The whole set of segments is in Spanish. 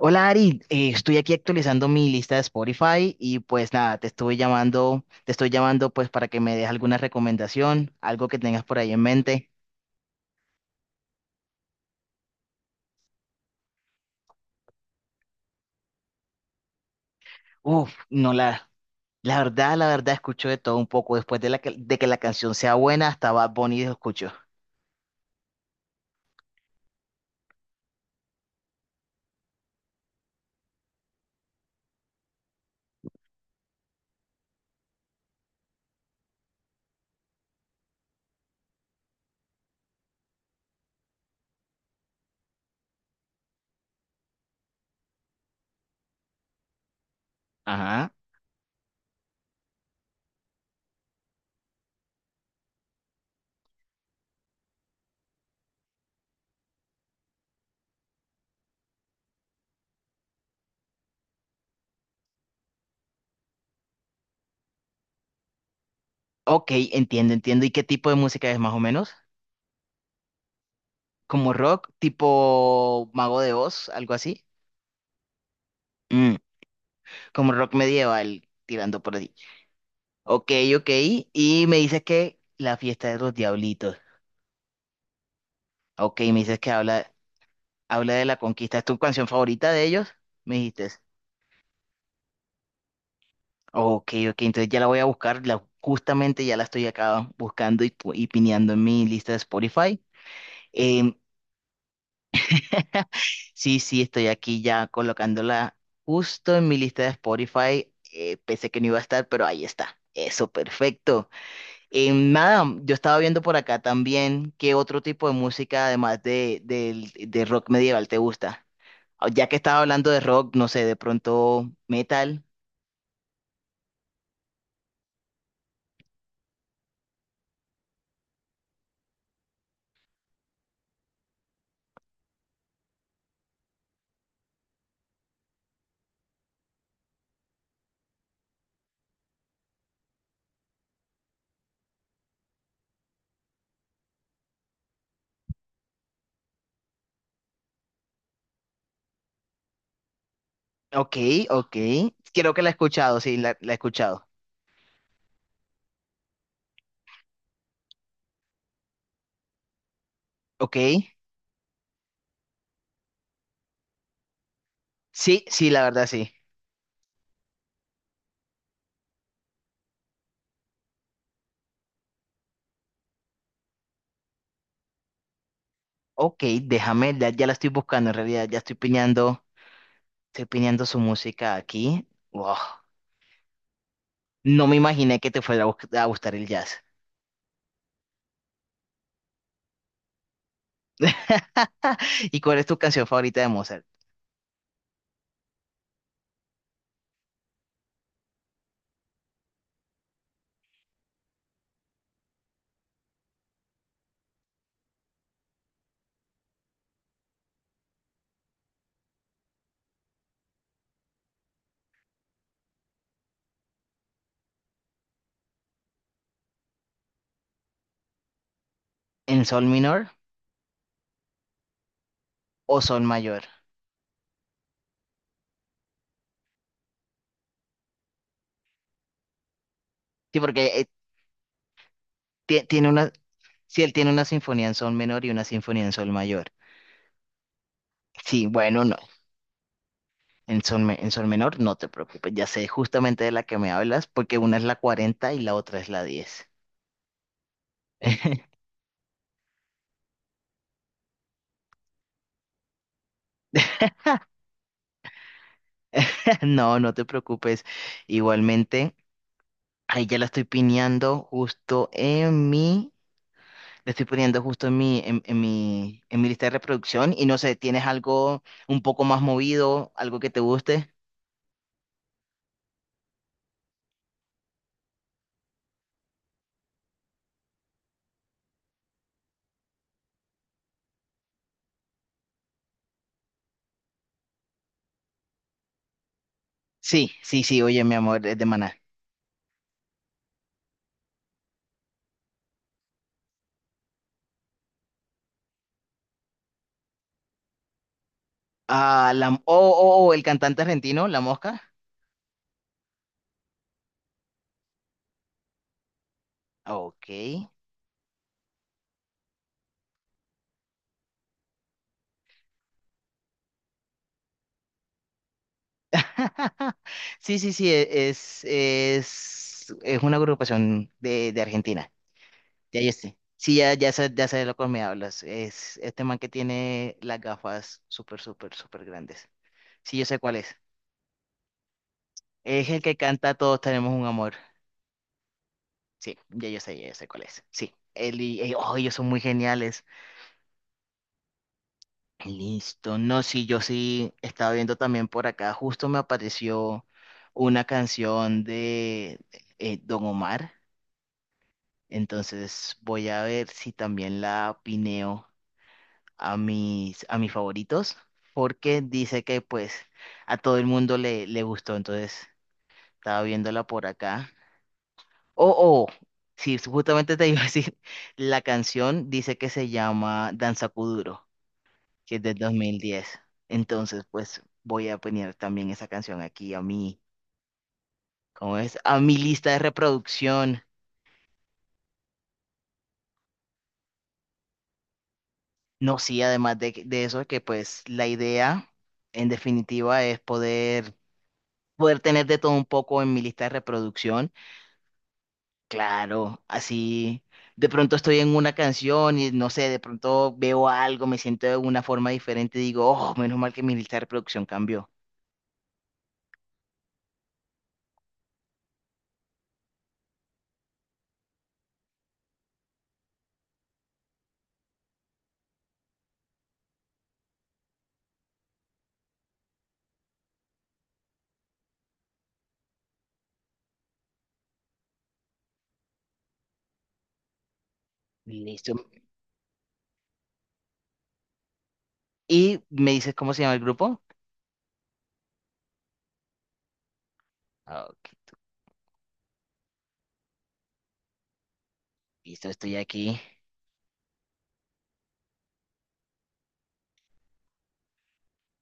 Hola Ari, estoy aquí actualizando mi lista de Spotify y pues nada, te estoy llamando pues para que me des alguna recomendación, algo que tengas por ahí en mente. Uf, no la, La verdad, escucho de todo un poco después de de que la canción sea buena, hasta Bad Bunny lo escucho. Ajá. Ok, entiendo. ¿Y qué tipo de música es más o menos? ¿Como rock, tipo Mago de Oz, algo así? Mm, como rock medieval, tirando por ahí. Ok, ok. Y me dices que La fiesta de los diablitos. Ok, me dices que habla de la conquista. ¿Es tu canción favorita de ellos? Me dijiste. Ok, ok. Entonces ya la voy a buscar. Justamente ya la estoy acá buscando y, y pineando en mi lista de Spotify. Em, sí, sí, estoy aquí ya colocándola justo en mi lista de Spotify. Pensé que no iba a estar, pero ahí está. Eso, perfecto. Nada, yo estaba viendo por acá también qué otro tipo de música, de rock medieval, te gusta. Ah, ya que estaba hablando de rock, no sé, de pronto metal. Ok, ok. Creo que la he escuchado, sí, la he escuchado. Ok. Sí, sí, la verdad, sí. Ok, déjame, ya la estoy buscando en realidad, ya estoy piñando su música aquí. Wow. No me imaginé que te fuera a a gustar el jazz. ¿Y cuál es tu canción favorita de Mozart? ¿En sol menor? O sol mayor. Sí, porque tiene una, si él tiene una sinfonía en sol menor y una sinfonía en sol mayor. Sí, bueno, no. En sol menor no te preocupes, ya sé justamente de la que me hablas, porque una es la 40 y la otra es la 10. No, no te preocupes. Igualmente, ahí ya la estoy pineando justo en mi, le estoy poniendo justo en mi lista de reproducción. Y no sé, ¿tienes algo un poco más movido, algo que te guste? Sí, sí, sí, oye, mi amor, es de Maná. Ah, oh, oh, oh, el cantante argentino, La Mosca. Ok. Sí, sí, sí, es una agrupación de Argentina. Ya, ya sé. Sí, ya, ya sé de lo que me hablas. Es este man que tiene las gafas súper, súper, súper grandes. Sí, yo sé cuál es. Es el que canta Todos tenemos un amor. Sí, ya yo sé cuál es. Sí, él y, oh, ellos son muy geniales. Listo. No, sí, yo sí estaba viendo también por acá. Justo me apareció una canción de Don Omar. Entonces voy a ver si también la pineo a a mis favoritos. Porque dice que pues a todo el mundo le gustó. Entonces estaba viéndola por acá. Oh, oh. Sí, justamente te iba a decir. La canción dice que se llama Danza Kuduro, que es del 2010. Entonces, pues voy a poner también esa canción aquí a ¿cómo es? A mi lista de reproducción. No, sí, además de eso, que pues la idea, en definitiva, es poder, poder tener de todo un poco en mi lista de reproducción. Claro, así. De pronto estoy en una canción y no sé, de pronto veo algo, me siento de una forma diferente y digo, oh, menos mal que mi lista de reproducción cambió. Listo. ¿Y me dices cómo se llama el grupo? Ok. Listo, estoy aquí.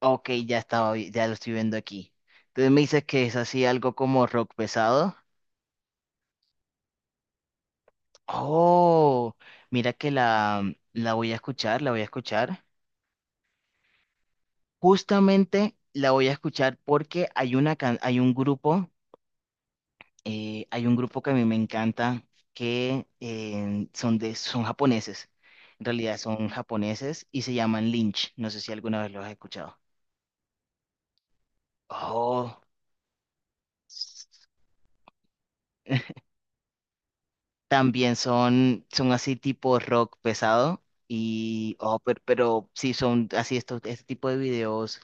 Ok, ya estaba, ya lo estoy viendo aquí. Entonces me dices que es así algo como rock pesado. Oh, mira que la voy a escuchar, la voy a escuchar. Justamente la voy a escuchar porque hay hay un grupo que a mí me encanta que son de, son japoneses. En realidad son japoneses y se llaman Lynch. No sé si alguna vez los has escuchado. Oh. También son, son así tipo rock pesado y, oh, pero sí son así este tipo de videos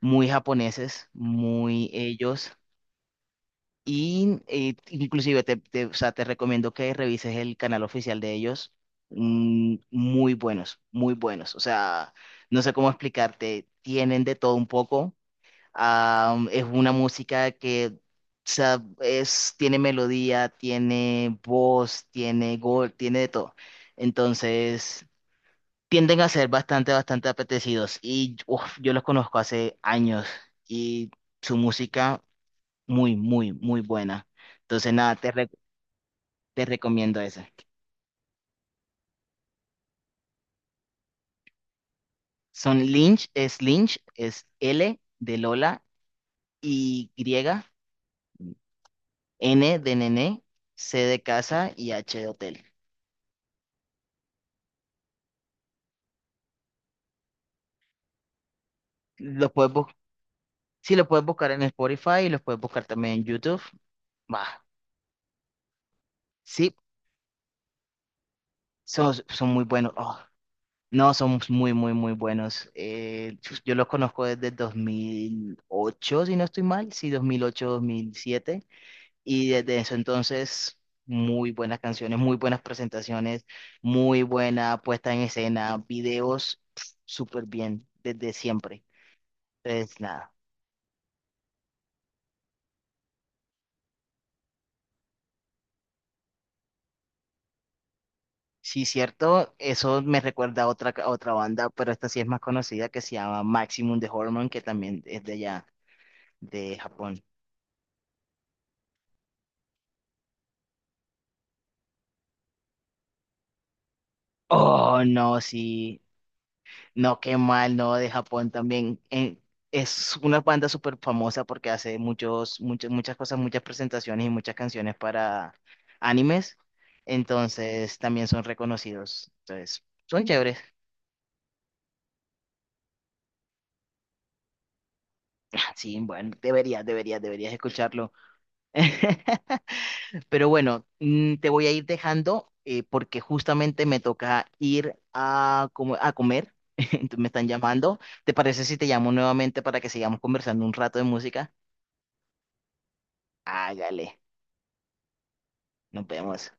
muy japoneses, muy ellos. Y inclusive o sea, te recomiendo que revises el canal oficial de ellos. Mm, muy buenos, muy buenos. O sea, no sé cómo explicarte, tienen de todo un poco. Am, es una música que o sea, es, tiene melodía, tiene voz, tiene gol, tiene de todo. Entonces, tienden a ser bastante, bastante apetecidos. Y uf, yo los conozco hace años y su música muy, muy, muy buena. Entonces, nada, te recomiendo esa. Son Lynch, es L de Lola y griega, N de nene, C de casa y H de hotel. Los puedes, sí, lo puedes buscar en Spotify y los puedes buscar también en YouTube. Bah, sí, son, son muy buenos. Oh, no, son muy, muy, muy buenos. Yo los conozco desde 2008 si no estoy mal, sí, 2008, 2007. Y desde eso entonces, muy buenas canciones, muy buenas presentaciones, muy buena puesta en escena, videos, pf, súper bien, desde siempre. Entonces, nada. Sí, cierto, eso me recuerda a a otra banda, pero esta sí es más conocida, que se llama Maximum de Hormone, que también es de allá, de Japón. Oh, no, sí, no, qué mal, no, de Japón también. Es una banda súper famosa porque hace muchas, muchas cosas, muchas presentaciones y muchas canciones para animes, entonces también son reconocidos, entonces son chéveres. Ah, sí, bueno, deberías, deberías, deberías escucharlo. Pero bueno, mm, te voy a ir dejando porque justamente me toca ir a, a comer. Entonces me están llamando. ¿Te parece si te llamo nuevamente para que sigamos conversando un rato de música? Hágale, nos vemos.